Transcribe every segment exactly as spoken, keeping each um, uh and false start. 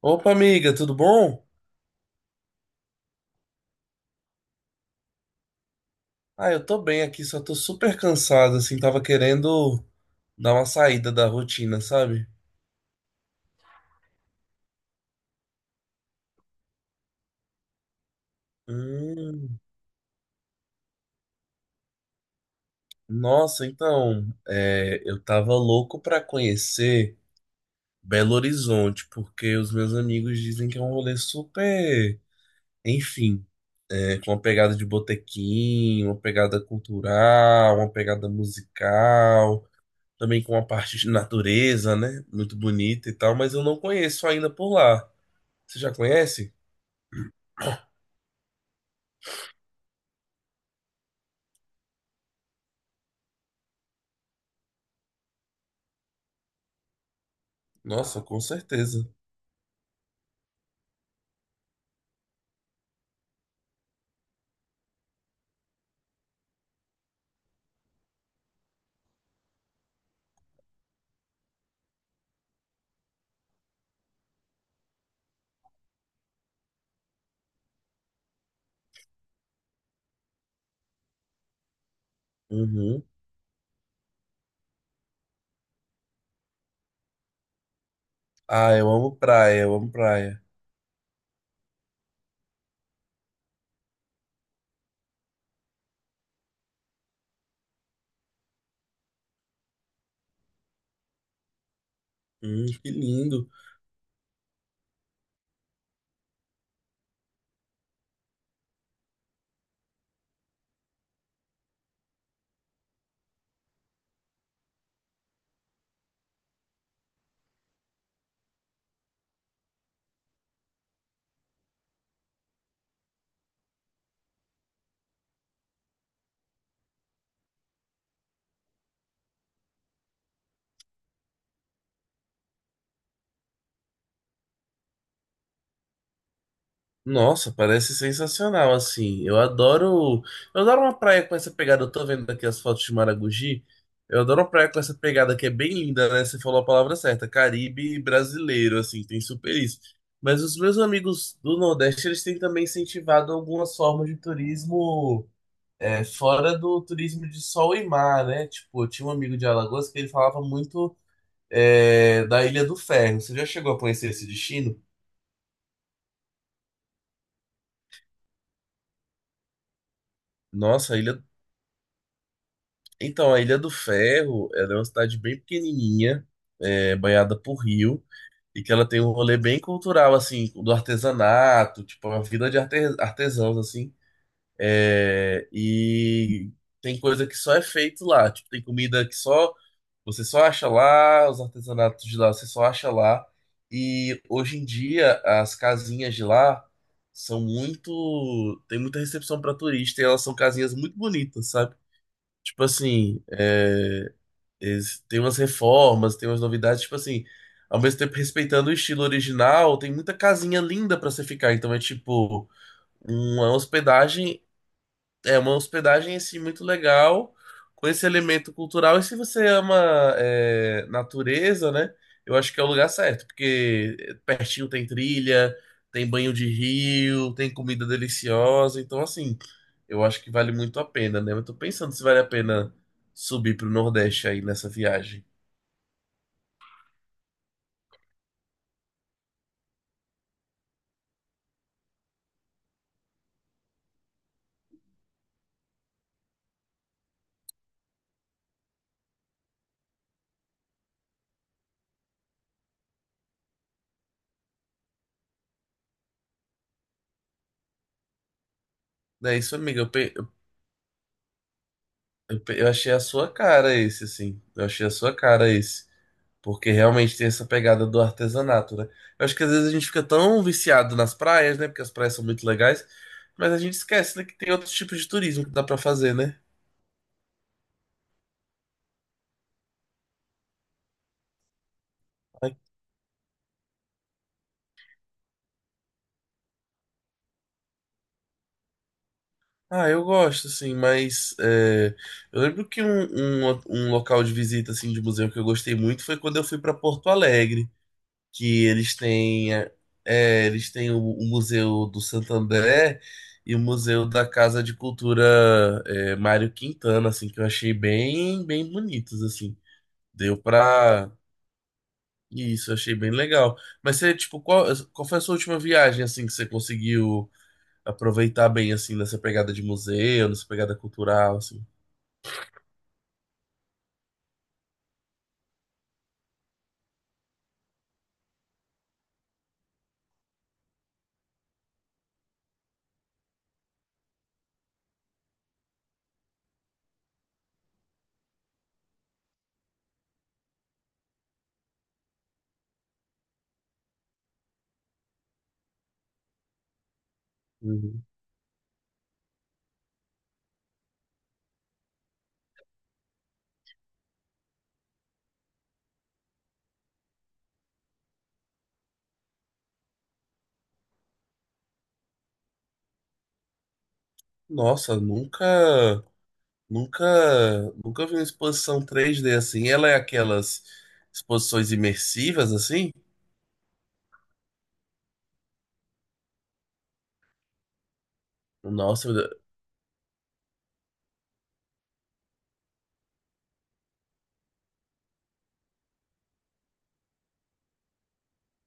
Opa, amiga, tudo bom? Ah, eu tô bem aqui, só tô super cansado, assim, tava querendo dar uma saída da rotina, sabe? Hum, Nossa, então, é, eu tava louco pra conhecer Belo Horizonte, porque os meus amigos dizem que é um rolê super, enfim, né, com uma pegada de botequim, uma pegada cultural, uma pegada musical, também com uma parte de natureza, né? Muito bonita e tal, mas eu não conheço ainda por lá. Você já conhece? Nossa, com certeza. Uhum. Ah, eu amo praia, eu amo praia. Hum, que lindo. Nossa, parece sensacional, assim. Eu adoro. Eu adoro uma praia com essa pegada. Eu tô vendo aqui as fotos de Maragogi. Eu adoro uma praia com essa pegada que é bem linda, né? Você falou a palavra certa. Caribe brasileiro, assim, tem super isso. Mas os meus amigos do Nordeste, eles têm também incentivado algumas formas de turismo, É, fora do turismo de sol e mar, né? Tipo, eu tinha um amigo de Alagoas que ele falava muito, é, da Ilha do Ferro. Você já chegou a conhecer esse destino? Nossa, a Ilha... Então, a Ilha do Ferro, ela é uma cidade bem pequenininha, é, banhada por rio, e que ela tem um rolê bem cultural, assim, do artesanato, tipo, uma vida de arte- artesãos, assim. É, e tem coisa que só é feito lá, tipo, tem comida que só... Você só acha lá, os artesanatos de lá, você só acha lá. E hoje em dia, as casinhas de lá são muito. Tem muita recepção para turista e elas são casinhas muito bonitas, sabe? Tipo assim, é, eles- tem umas reformas, tem umas novidades, tipo assim, ao mesmo tempo respeitando o estilo original, tem muita casinha linda para você ficar. Então é tipo uma hospedagem, é uma hospedagem assim muito legal, com esse elemento cultural. E se você ama, é, natureza, né? Eu acho que é o lugar certo, porque pertinho tem trilha, tem banho de rio, tem comida deliciosa. Então, assim, eu acho que vale muito a pena, né? Eu tô pensando se vale a pena subir pro Nordeste aí nessa viagem. É isso, amiga. Eu, pe- eu Eu, pe- eu achei a sua cara esse, assim. Eu achei a sua cara esse. Porque realmente tem essa pegada do artesanato, né? Eu acho que às vezes a gente fica tão viciado nas praias, né? Porque as praias são muito legais. Mas a gente esquece, né, que tem outros tipos de turismo que dá pra fazer, né? Aí, ah, eu gosto, assim, mas, é, eu lembro que um, um, um local de visita, assim, de museu que eu gostei muito foi quando eu fui pra Porto Alegre. Que eles têm, é, é, eles têm o, o Museu do Santo André e o Museu da Casa de Cultura, é, Mário Quintana, assim, que eu achei bem, bem bonitos, assim. Deu pra... Isso, eu achei bem legal. Mas você, tipo, qual, qual foi a sua última viagem, assim, que você conseguiu aproveitar bem, assim, nessa pegada de museu, nessa pegada cultural, assim? Uhum. Nossa, nunca... Nunca, nunca vi uma exposição três d assim. Ela é aquelas exposições imersivas assim? Nossa,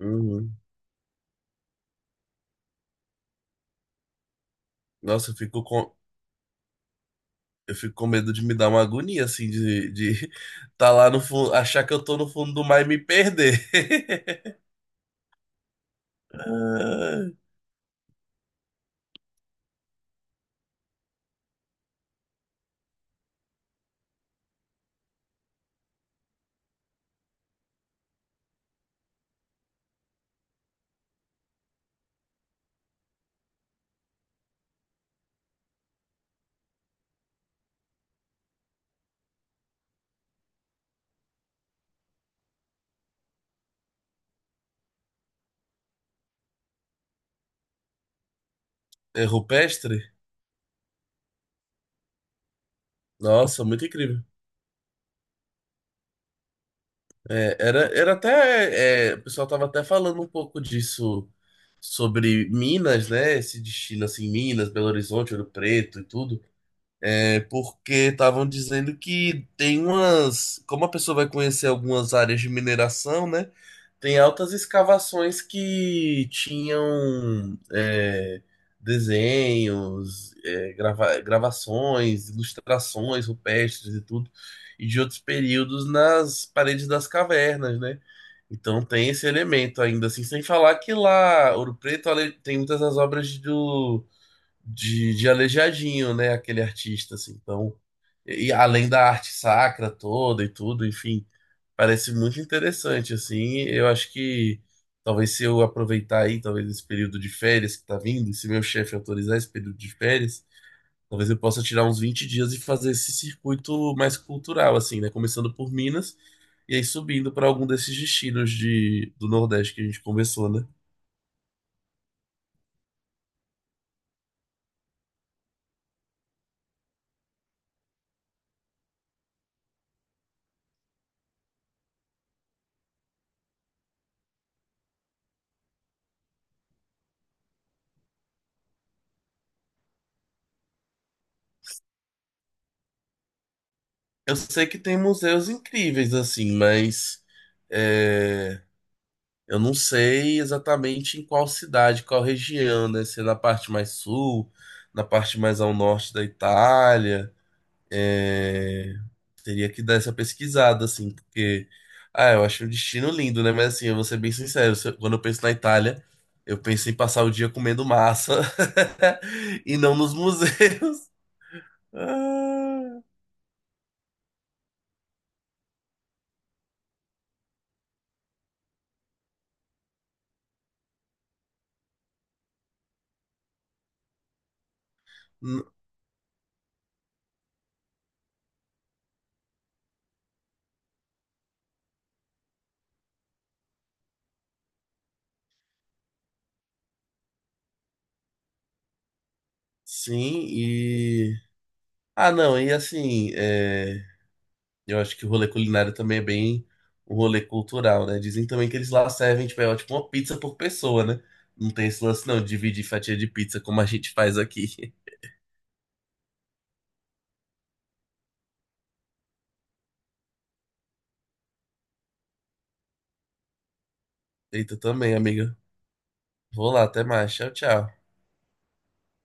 uhum. Nossa, eu fico com, eu fico com, medo de me dar uma agonia assim de, de tá lá no fundo, achar que eu tô no fundo do mar e me perder. Ah, é rupestre? Nossa, muito incrível. É, era, era até. É, o pessoal tava até falando um pouco disso sobre Minas, né? Esse destino assim, Minas, Belo Horizonte, Ouro Preto e tudo. É porque estavam dizendo que tem umas. Como a pessoa vai conhecer algumas áreas de mineração, né? Tem altas escavações que tinham, é, desenhos, é, grava- gravações, ilustrações rupestres e tudo, e de outros períodos nas paredes das cavernas, né? Então tem esse elemento ainda, assim, sem falar que lá, Ouro Preto, ale- tem muitas das obras do de, de Aleijadinho, né? Aquele artista, assim. Então, e além da arte sacra toda e tudo, enfim, parece muito interessante, assim. Eu acho que talvez se eu aproveitar aí, talvez esse período de férias que tá vindo, e se meu chefe autorizar esse período de férias, talvez eu possa tirar uns vinte dias e fazer esse circuito mais cultural, assim, né? Começando por Minas. E aí subindo para algum desses destinos de, do Nordeste que a gente conversou, né? Eu sei que tem museus incríveis, assim, mas, é, eu não sei exatamente em qual cidade, qual região, né? Se é na parte mais sul, na parte mais ao norte da Itália. é, Teria que dar essa pesquisada, assim, porque. Ah, eu acho o destino lindo, né? Mas assim, eu vou ser bem sincero, se eu- quando eu penso na Itália, eu penso em passar o dia comendo massa e não nos museus. Ah, n- sim, ah, não, e assim, é, eu acho que o rolê culinário também é bem um rolê cultural, né? Dizem também que eles lá servem, tipo, é, tipo uma pizza por pessoa, né? Não tem esse lance, não, de dividir fatia de pizza como a gente faz aqui. Eita, também, amiga. Vou lá, até mais. Tchau, tchau.